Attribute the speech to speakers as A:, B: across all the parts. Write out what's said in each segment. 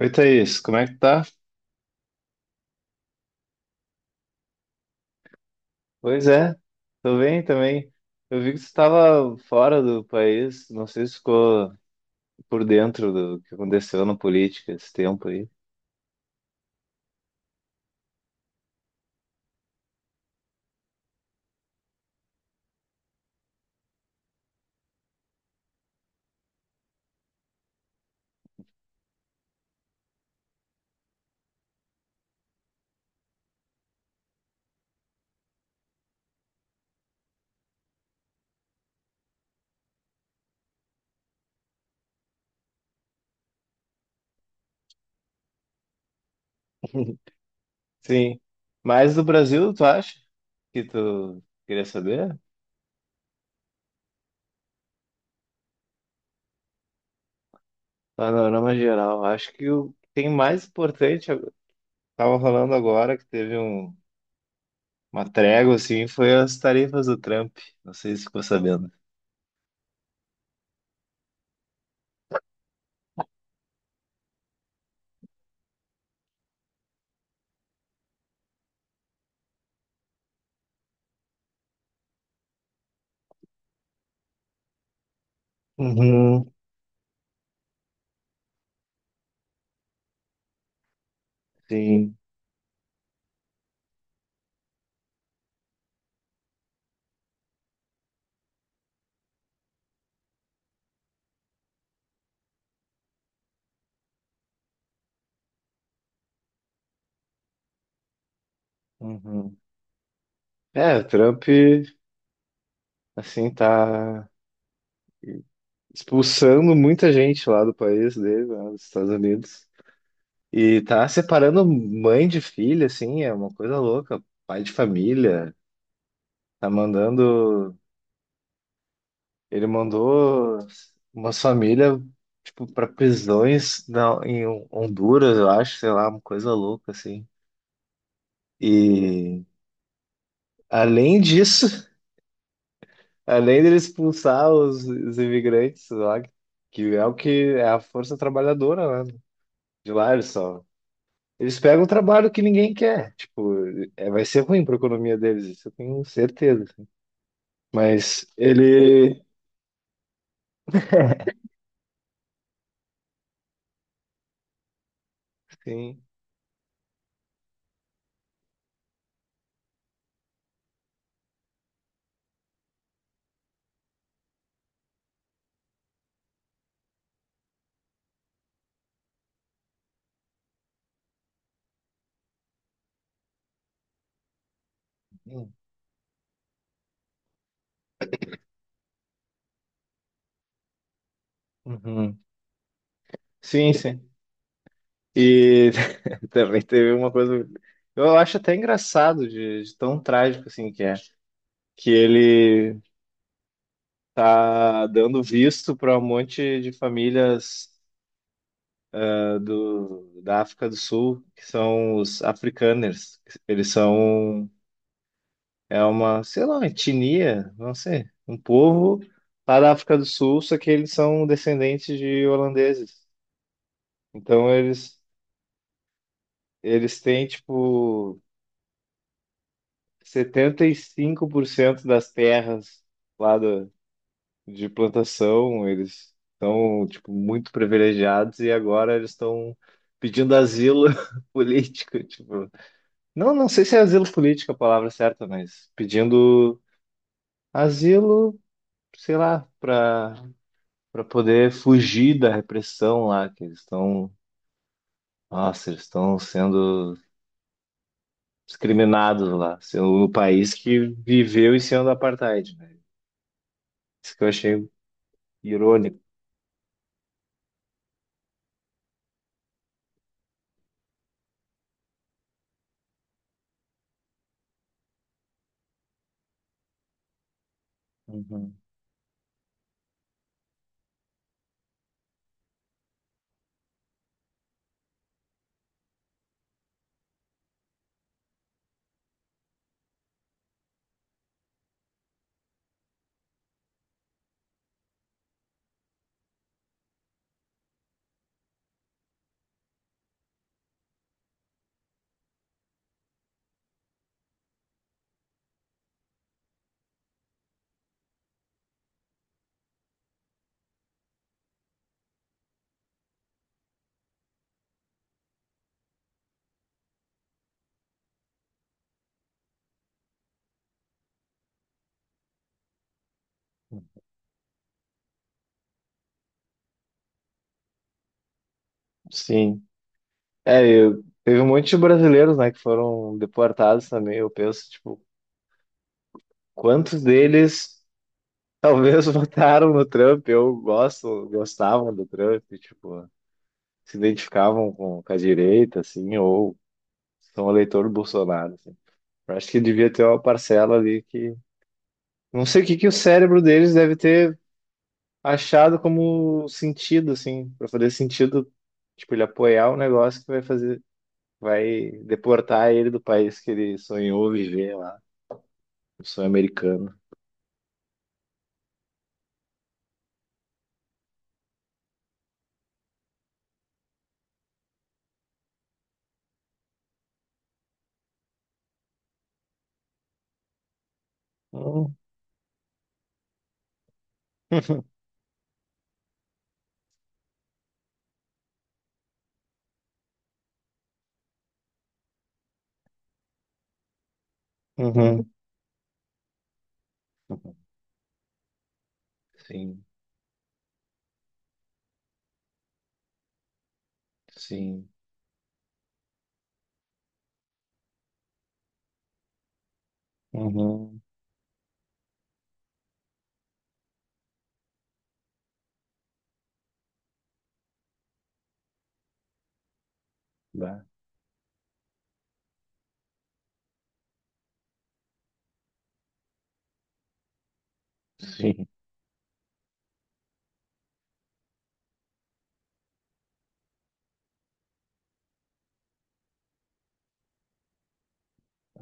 A: Oi, Thaís, como é que tá? Pois é, tô bem também. Eu vi que você estava fora do país, não sei se ficou por dentro do que aconteceu na política esse tempo aí. Sim, mas do Brasil, tu acha que tu queria saber? Panorama geral, acho que o que tem mais importante, eu tava falando agora que uma trégua assim, foi as tarifas do Trump, não sei se ficou sabendo. Uhum, sim. Uhum. É, o Trump. Assim, tá expulsando muita gente lá do país dele, lá dos Estados Unidos. E tá separando mãe de filha, assim, é uma coisa louca. Pai de família, tá mandando. Ele mandou umas famílias, tipo, pra prisões em Honduras, eu acho, sei lá, uma coisa louca, assim. E além disso, além dele expulsar os imigrantes lá, que é o que é a força trabalhadora, né? De lá, eles só eles pegam o trabalho que ninguém quer. Tipo, é, vai ser ruim para a economia deles, isso eu tenho certeza, assim. Mas ele. Sim. Uhum. Sim, sim. E também teve uma coisa. Eu acho até engraçado de tão trágico assim que é. Que ele tá dando visto para um monte de famílias da África do Sul, que são os africaners. Eles são é uma, sei lá, uma etnia, não sei, um povo lá da África do Sul, só que eles são descendentes de holandeses. Então eles têm tipo 75% das terras lá de plantação, eles estão tipo muito privilegiados e agora eles estão pedindo asilo político, tipo. Não, não sei se é asilo político é a palavra certa, mas pedindo asilo sei lá, para poder fugir da repressão lá, que eles estão, nossa, eles estão sendo discriminados lá, sendo o país que viveu em cima do apartheid, né? Isso que eu achei irônico. Uhum. Sim. É, eu, teve um monte de brasileiros, né, que foram deportados também. Eu penso, tipo, quantos deles talvez votaram no Trump ou gosto gostavam do Trump, tipo, se identificavam com a direita, assim, ou são eleitor do Bolsonaro, assim. Eu acho que devia ter uma parcela ali que. Não sei o que que o cérebro deles deve ter achado como sentido, assim, para fazer sentido, tipo, ele apoiar o negócio que vai fazer, vai deportar ele do país que ele sonhou viver lá, o sonho americano. Hum. Uhum. Sim, sim. Uhum. Dá. Sim.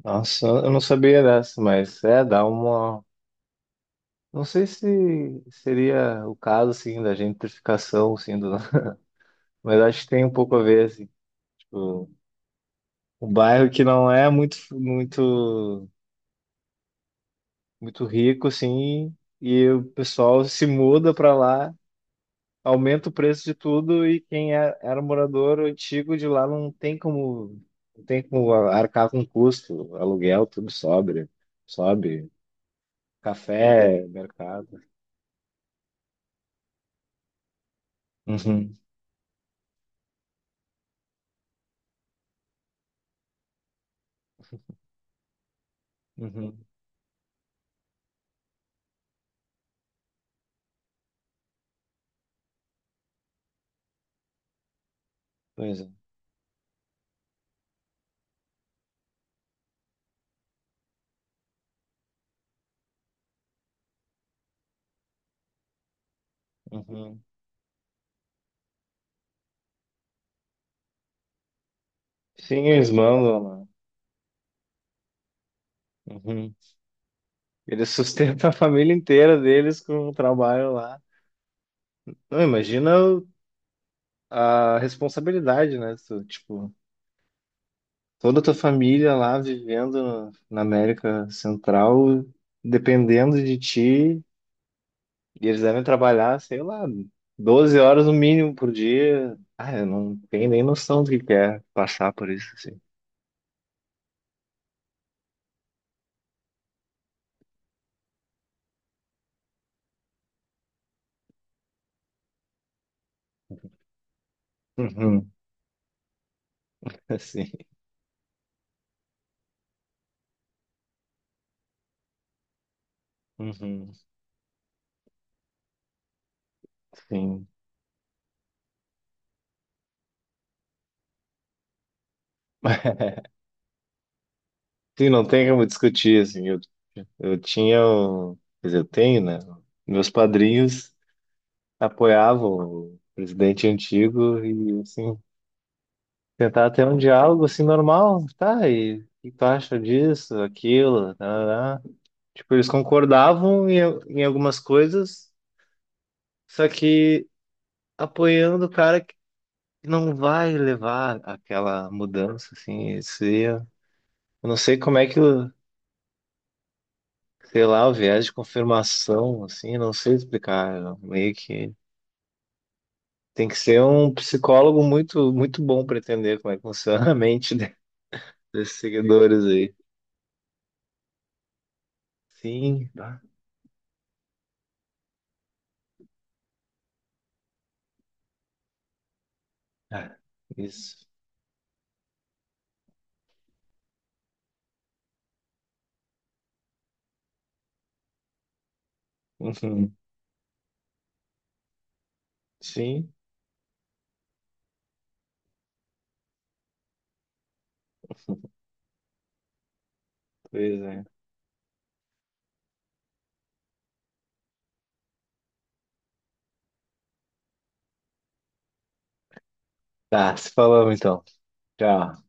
A: Nossa, eu não sabia dessa, mas é, dá uma. Não sei se seria o caso, assim, da gentrificação, assim, do. Mas acho que tem um pouco a ver, assim, tipo, um bairro que não é muito rico, assim, e o pessoal se muda para lá, aumenta o preço de tudo, e quem era morador antigo de lá não tem como, não tem como arcar com custo, aluguel, tudo sobe, café, mercado. Uhum, uhum, pois é. Uhum. Sim, eles mandam lá. Uhum. Eles sustentam a família inteira deles com o trabalho lá. Não, imagina a responsabilidade, né? Tu, tipo, toda a tua família lá vivendo na América Central, dependendo de ti, e eles devem trabalhar, sei lá, 12 horas no mínimo por dia. Ah, eu não tenho nem noção do que é passar por isso, assim. Uhum, assim, uhum, sim. Sim, não tem como discutir, assim, eu tinha, o- quer dizer, eu tenho, né? Meus padrinhos apoiava o presidente antigo e assim tentar ter um diálogo assim normal, tá? E o que tu acha disso, aquilo, tá. Tipo, eles concordavam em algumas coisas, só que apoiando o cara que não vai levar aquela mudança assim, eu não sei como é que, sei lá, o viés de confirmação assim, não sei explicar, eu meio que. Tem que ser um psicólogo muito, muito bom para entender como é que funciona a mente desses seguidores aí. Sim, tá. Ah, isso. Uhum. Sim, pois é. Tá, se falamos então. Tchau.